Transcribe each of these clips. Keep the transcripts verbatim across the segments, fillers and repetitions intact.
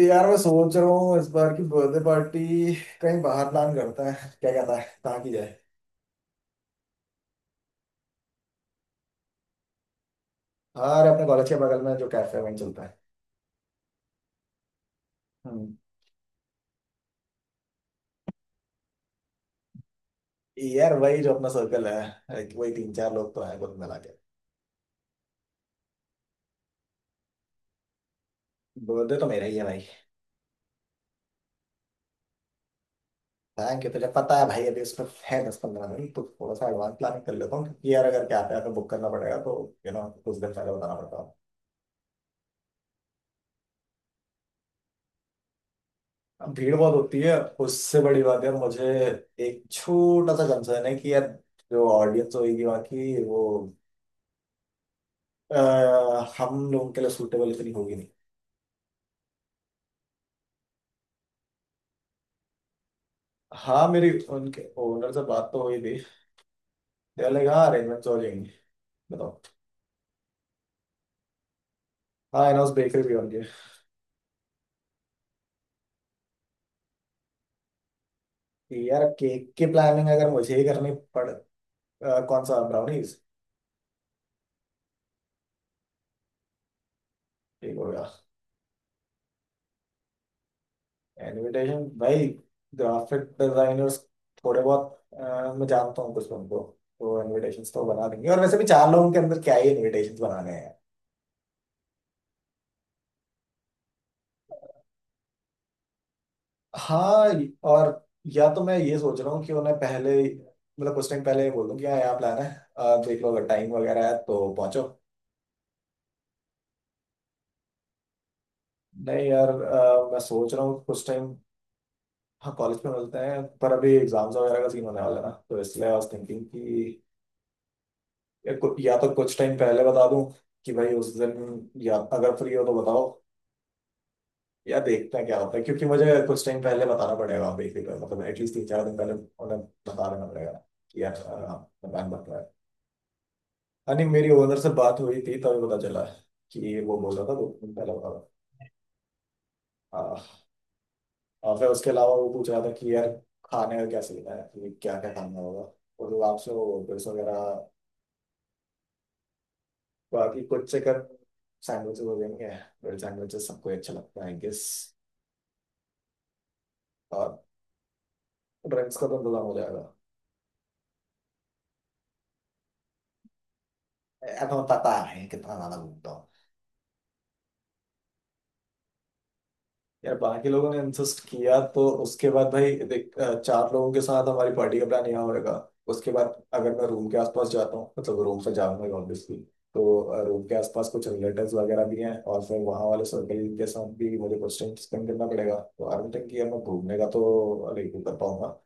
यार मैं सोच रहा हूँ इस बार की बर्थडे पार्टी कहीं बाहर प्लान करता है, क्या कहता है कहाँ की जाए। हाँ अरे अपने कॉलेज के बगल में जो कैफे है वहीं चलता है। हम्म। यार वही जो अपना सर्कल है, like वही तीन चार लोग तो है कुल मिला के। बर्थडे तो मेरा ही है भाई। थैंक यू, तुझे पता है भाई अभी उसमें है दस पंद्रह दिन तो थोड़ा सा एडवांस प्लानिंग कर लेता हूँ क्योंकि यार अगर कैफे आपको बुक करना पड़ेगा तो यू नो कुछ दिन पहले बताना पड़ता है। अब भीड़ बहुत होती है। उससे बड़ी बात है, मुझे एक छोटा सा कंसर्न है कि यार जो ऑडियंस होगी वहाँ की वो अह, हम लोगों के लिए सूटेबल इतनी होगी नहीं। हाँ मेरी, उनके ओनर से बात तो हुई थी तो लाइक हाँ अरेंजमेंट्स हो जाएंगे। बताओ। हाँ इन हाउस बेकरी भी होंगे। कि यार केक की प्लानिंग अगर मुझे ही करनी पड़। अह, कौन सा ब्राउनीज। ठीक हो गया। इनविटेशन भाई, ग्राफिक डिजाइनर्स, थोड़े बहुत, अह, मैं जानता हूँ कुछ उनको तो इनविटेशंस तो बना देंगे, और वैसे भी चार लोगों के अंदर क्या ही इनविटेशंस बनाने हैं। हाँ। और या तो मैं ये सोच रहा हूँ कि उन्हें पहले मतलब कुछ टाइम पहले ही बोल दूँ कि हाँ यहाँ प्लान है, आ, देख लो अगर टाइम वगैरह है तो पहुंचो। नहीं यार आ, मैं सोच रहा हूँ कुछ टाइम। हाँ कॉलेज में मिलते हैं पर अभी एग्जाम्स वगैरह का सीन होने वाला है ना, तो इसलिए आई वाज थिंकिंग कि या, कु- या तो कुछ टाइम पहले बता दूँ कि भाई उस दिन या अगर फ्री हो तो बताओ, या देखते हैं क्या होता है क्योंकि मुझे कुछ टाइम पहले बताना पड़ेगा बेसिकली, मतलब एटलीस्ट तीन चार दिन पहले उन्हें बता देना पड़ेगा कि यार प्लान। हाँ, नहीं मेरी ओनर से बात हुई थी तभी पता चला कि वो बोल रहा था दो दिन पहले बता रहा था। हाँ, और फिर उसके अलावा वो पूछ रहा था कि यार खाने का क्या सीन है, कि क्या क्या खाना होगा, और वो आपसे वो ड्रेस वगैरह। बाकी कुछ चिकन सैंडविचेस हो जाएंगे, ब्रेड सैंडविचेस सबको ही अच्छा लगता है आई गेस। और ड्रिंक्स का तो इंतजाम हो जाएगा। मैं तो पता है कितना ज्यादा घूमता हूँ। यार बाकी लोगों ने इंसिस्ट किया तो उसके बाद भाई देख, अ, चार लोगों के साथ हमारी पार्टी का प्लान यहाँ होगा। उसके बाद अगर मैं रूम के आसपास जाता हूँ, मतलब रूम से जाऊंगा ऑब्वियसली, तो रूम के आसपास कुछ रिलेटिव्स वगैरह भी हैं और फिर वहाँ वाले सर्कल के साथ भी मुझे कुछ टाइम स्पेंड करना पड़ेगा, तो आई डोंट थिंक कि यार मैं घूमने का तो नहीं कर पाऊंगा।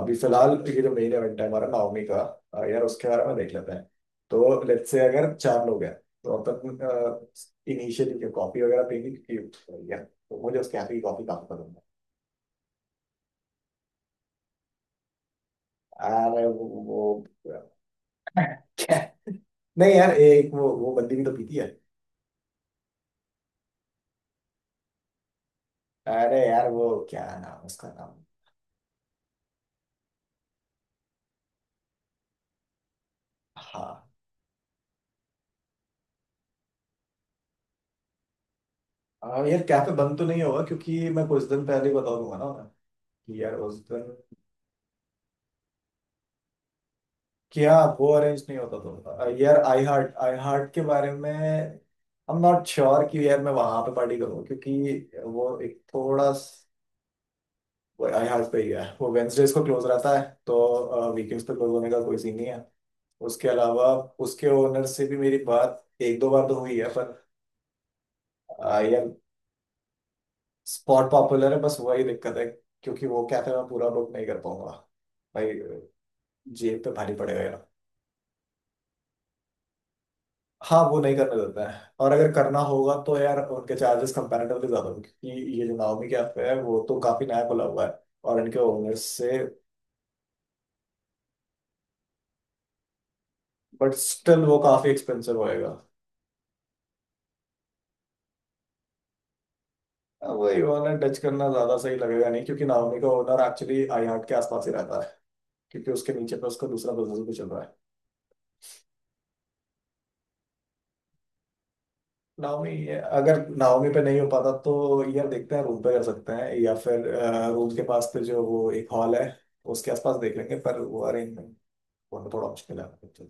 अभी फिलहाल ये जो मेन इवेंट है हमारा नाओमी का, अ, यार उसके बारे में देख लेते हैं। तो लेट्स से अगर चार लोग हैं तो अपन इनिशियली कॉफी वगैरह पीनी, तो मुझे उसके हाथ की कॉफी काफी पसंद है। अरे वो वो क्या। नहीं यार एक वो वो बंदी भी तो पीती है। अरे यार वो क्या नाम, उसका नाम। हाँ। हाँ यार कैफे बंद तो नहीं होगा क्योंकि मैं कुछ दिन पहले ही बता दूंगा ना उन्हें कि यार उस दिन। क्या। वो अरेंज नहीं होता तो अ, यार आई हार्ट, आई हार्ट के बारे में आई एम नॉट श्योर कि यार मैं वहां पे पार्टी करूँ क्योंकि वो एक थोड़ा स- वो आई हार्ट पे ही है। वो वेंसडेज को क्लोज रहता है तो वीकेंड्स पे क्लोज होने का कोई सीन नहीं है। उसके अलावा उसके ओनर से भी मेरी बात एक दो बार तो हुई है पर आ, यार स्पॉट पॉपुलर है, बस वही दिक्कत है। क्योंकि वो कैफे मैं पूरा बुक नहीं कर पाऊंगा भाई, जेब पे भारी पड़ेगा यार। हाँ वो नहीं करने देता है, और अगर करना होगा तो यार उनके चार्जेस कंपैरेटिवली ज्यादा होंगे क्योंकि ये जो नाओमी कैफे है वो तो काफी नया खुला हुआ है। और इनके ओनर से, बट स्टिल वो काफी एक्सपेंसिव होएगा। हाँ, वही ओनर टच करना ज्यादा सही लगेगा नहीं, क्योंकि नाओमी का ओनर एक्चुअली आई हार्ट के आसपास ही रहता है, क्योंकि उसके नीचे पे उसका दूसरा बिजनेस भी चल रहा है। नाओमी ये अगर नाओमी पे नहीं हो पाता तो यार देखते हैं, रूम पे कर सकते हैं या फिर रूम के पास पे जो वो एक हॉल है उसके आसपास देख लेंगे, पर वो अरेंजमेंट होना थोड़ा मुश्किल है। अह,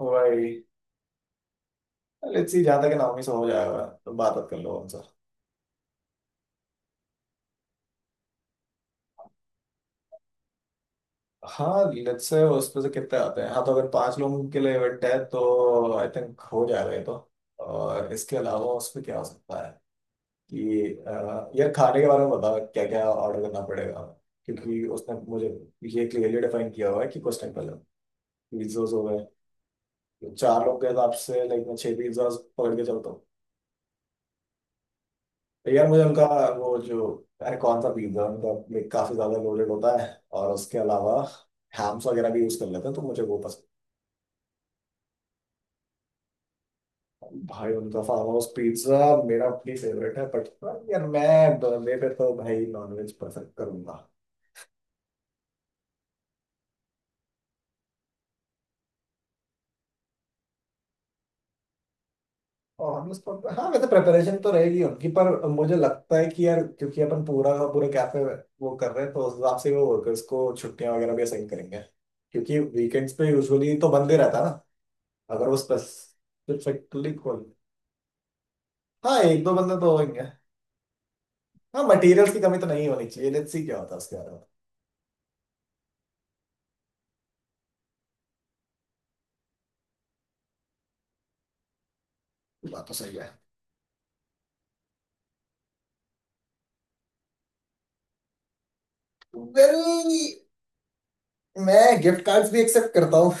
वही लेट्स सी, जहाँ तक नाओमी से हो जाएगा तो बात बात कर लो उनसे। हाँ लेट्स से उस पे से कितने आते हैं। हाँ, तो अगर पांच लोगों के लिए इवेंट है तो आई थिंक हो जाएगा ये तो। और इसके अलावा उस पे क्या हो सकता है कि अ, यार खाने के बारे में बता, क्या क्या ऑर्डर करना पड़ेगा क्योंकि उसने मुझे ये क्लियरली डिफाइन किया हुआ है कि कुछ टाइम पहले। पिज्जाज हो गए। चार लोग के हिसाब से लाइक मैं छह पिज्जाज पकड़ के चलता हूँ। तो यार मुझे उनका वो जो, अरे कौन सा पिज्जा उनका like काफी ज्यादा लोडेड होता है, और उसके अलावा हैम्स वगैरह भी यूज कर लेते हैं, तो मुझे वो पसंद है। भाई उनका फार्म हाउस पिज्जा मेरा अपनी फेवरेट है, बट यार मैं बर्थडे पे तो भाई नॉनवेज पसंद करूंगा। और हम उसको, हाँ वैसे प्रिपरेशन तो रहेगी उनकी पर मुझे लगता है कि यार क्योंकि अपन पूरा का पूरा कैफे वो कर रहे हैं तो उस हिसाब से वो वर्कर्स को छुट्टियां वगैरह भी असाइन करेंगे क्योंकि वीकेंड्स पे यूजुअली तो बंद ही रहता है ना, अगर वो स्पेसिफिकली खोल। हाँ एक दो बंदे तो होंगे। हाँ मटेरियल्स की कमी तो नहीं होनी चाहिए, लेट्स सी क्या होता है उसके बारे में। बात तो सही है। वेल, मैं गिफ्ट कार्ड्स भी एक्सेप्ट करता हूँ।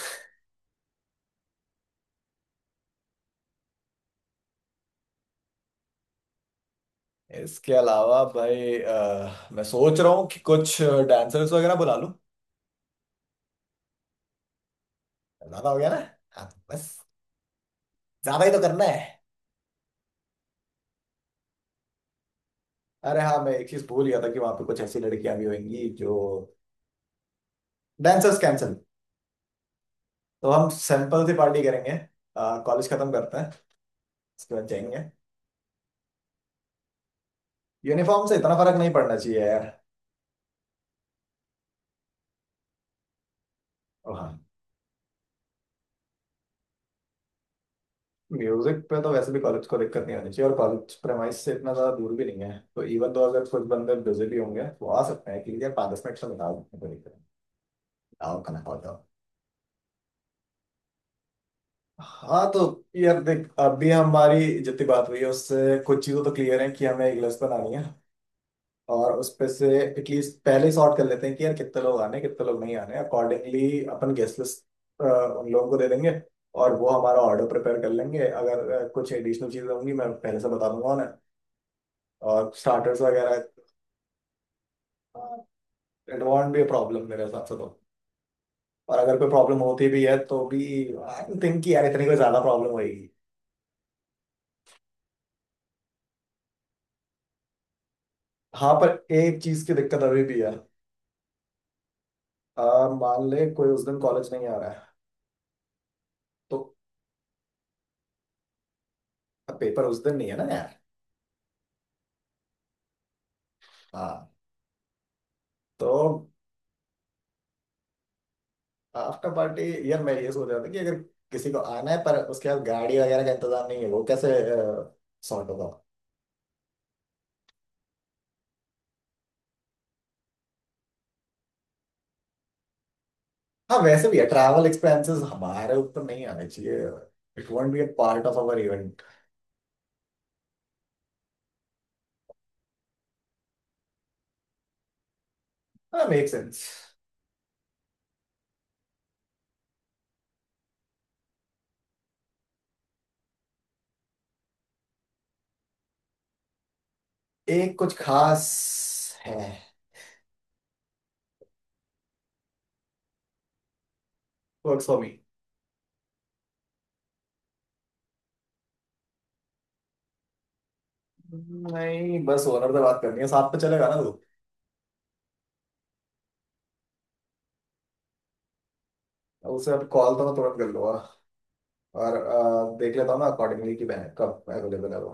इसके अलावा भाई अ, मैं सोच रहा हूँ कि कुछ डांसर्स वगैरह बुला लूं। ज्यादा हो गया ना। हाँ बस, ज्यादा ही तो करना है। अरे हाँ मैं एक चीज भूल गया था कि वहां पे कुछ ऐसी लड़कियां भी होंगी जो। Dancers cancel. तो हम सैंपल से पार्टी करेंगे, कॉलेज खत्म करते हैं उसके बाद जाएंगे। यूनिफॉर्म से इतना फर्क नहीं पड़ना चाहिए यार। और हाँ। म्यूजिक पे तो वैसे भी कॉलेज को दिक्कत नहीं होनी चाहिए, और कॉलेज प्रेमाइस से इतना ज्यादा दूर भी नहीं है, तो इवन तो अगर कुछ बंदे बिजी भी होंगे वो आ सकते हैं कि यार पाँच दस मिनट से निकाल, कोई दिक्कत नहीं। आओ खाना खाओ जाओ। हाँ, तो यार देख अभी हमारी जितनी बात हुई है उससे कुछ चीज़ें तो क्लियर है कि हमें एक लिस्ट बनानी है, और उस पे से एटलीस्ट पहले सॉर्ट कर लेते हैं कि यार कितने लोग आने कितने लोग नहीं आने, अकॉर्डिंगली अपन गेस्ट लिस्ट उन लोगों को दे देंगे और वो हमारा ऑर्डर प्रिपेयर कर लेंगे, अगर अ, कुछ एडिशनल चीज़ें होंगी मैं पहले से बता दूंगा उन्हें। और स्टार्टर्स वगैरह, इट वॉन्ट बी प्रॉब्लम मेरे हिसाब से तो। और अगर कोई प्रॉब्लम होती भी है तो भी आई थिंक कि यार इतनी कोई ज़्यादा प्रॉब्लम होगी। हाँ पर एक चीज़ की दिक्कत अभी भी है। आ, मान ले कोई उस दिन कॉलेज नहीं आ रहा है तो पेपर उस दिन नहीं है ना यार। हाँ तो आफ्टर पार्टी, यार मैं ये सोच रहा था कि अगर किसी को आना है पर उसके पास गाड़ी वगैरह का इंतजाम नहीं है, वो कैसे सॉर्ट होगा। हाँ, वैसे भी है ट्रैवल एक्सपेंसेस हमारे ऊपर नहीं आने चाहिए, it won't be a part of our event. हाँ मेक सेंस। एक कुछ खास है। Works for me. नहीं बस ओनर से बात करनी है, साथ पे चलेगा ना तू। उसे अब कॉल तो मैं तुरंत कर लूंगा, और अ, देख लेता हूँ ना अकॉर्डिंगली कि मैं कब अवेलेबल है वो।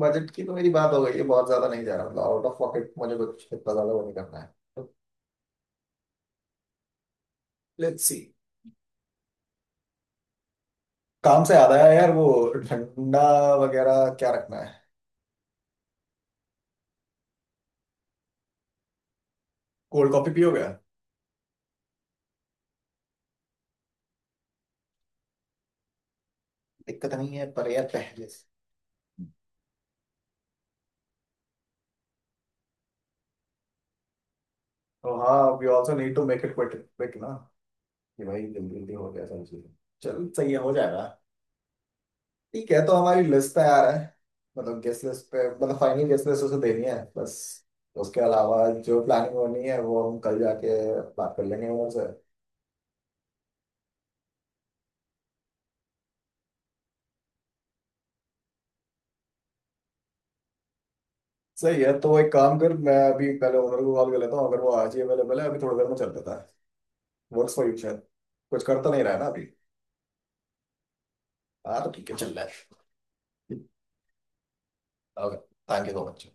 बजट की तो मेरी बात हो गई है, बहुत ज्यादा नहीं जा रहा, मतलब आउट ऑफ पॉकेट मुझे कुछ इतना ज्यादा वो नहीं करना है। तो लेट्स सी। काम से याद आया यार वो ठंडा वगैरह क्या रखना है। कोल्ड कॉफी पियोगे। दिक्कत नहीं है पर यार पहले से, तो हाँ, we also need to make it quick ना, कि भाई जल्दी जल्दी हो गया सारी चीजें। चल सही है, हो जाएगा। ठीक है, तो हमारी लिस्ट तैयार है, मतलब गेस्ट लिस्ट पे, मतलब फाइनल गेस्ट लिस्ट उसे देनी है बस। उसके अलावा जो प्लानिंग होनी है वो हम कल जाके बात कर लेंगे ओनर से। सही है, तो एक काम कर मैं अभी पहले ओनर को कॉल कर लेता हूँ, अगर वो आज ही अवेलेबल है अभी थोड़ी देर में चल देता है। वर्क्स फॉर यू शायद। कुछ करता नहीं रहा है ना अभी। हाँ तो ठीक है, चल रहा है। Okay, thank you so much.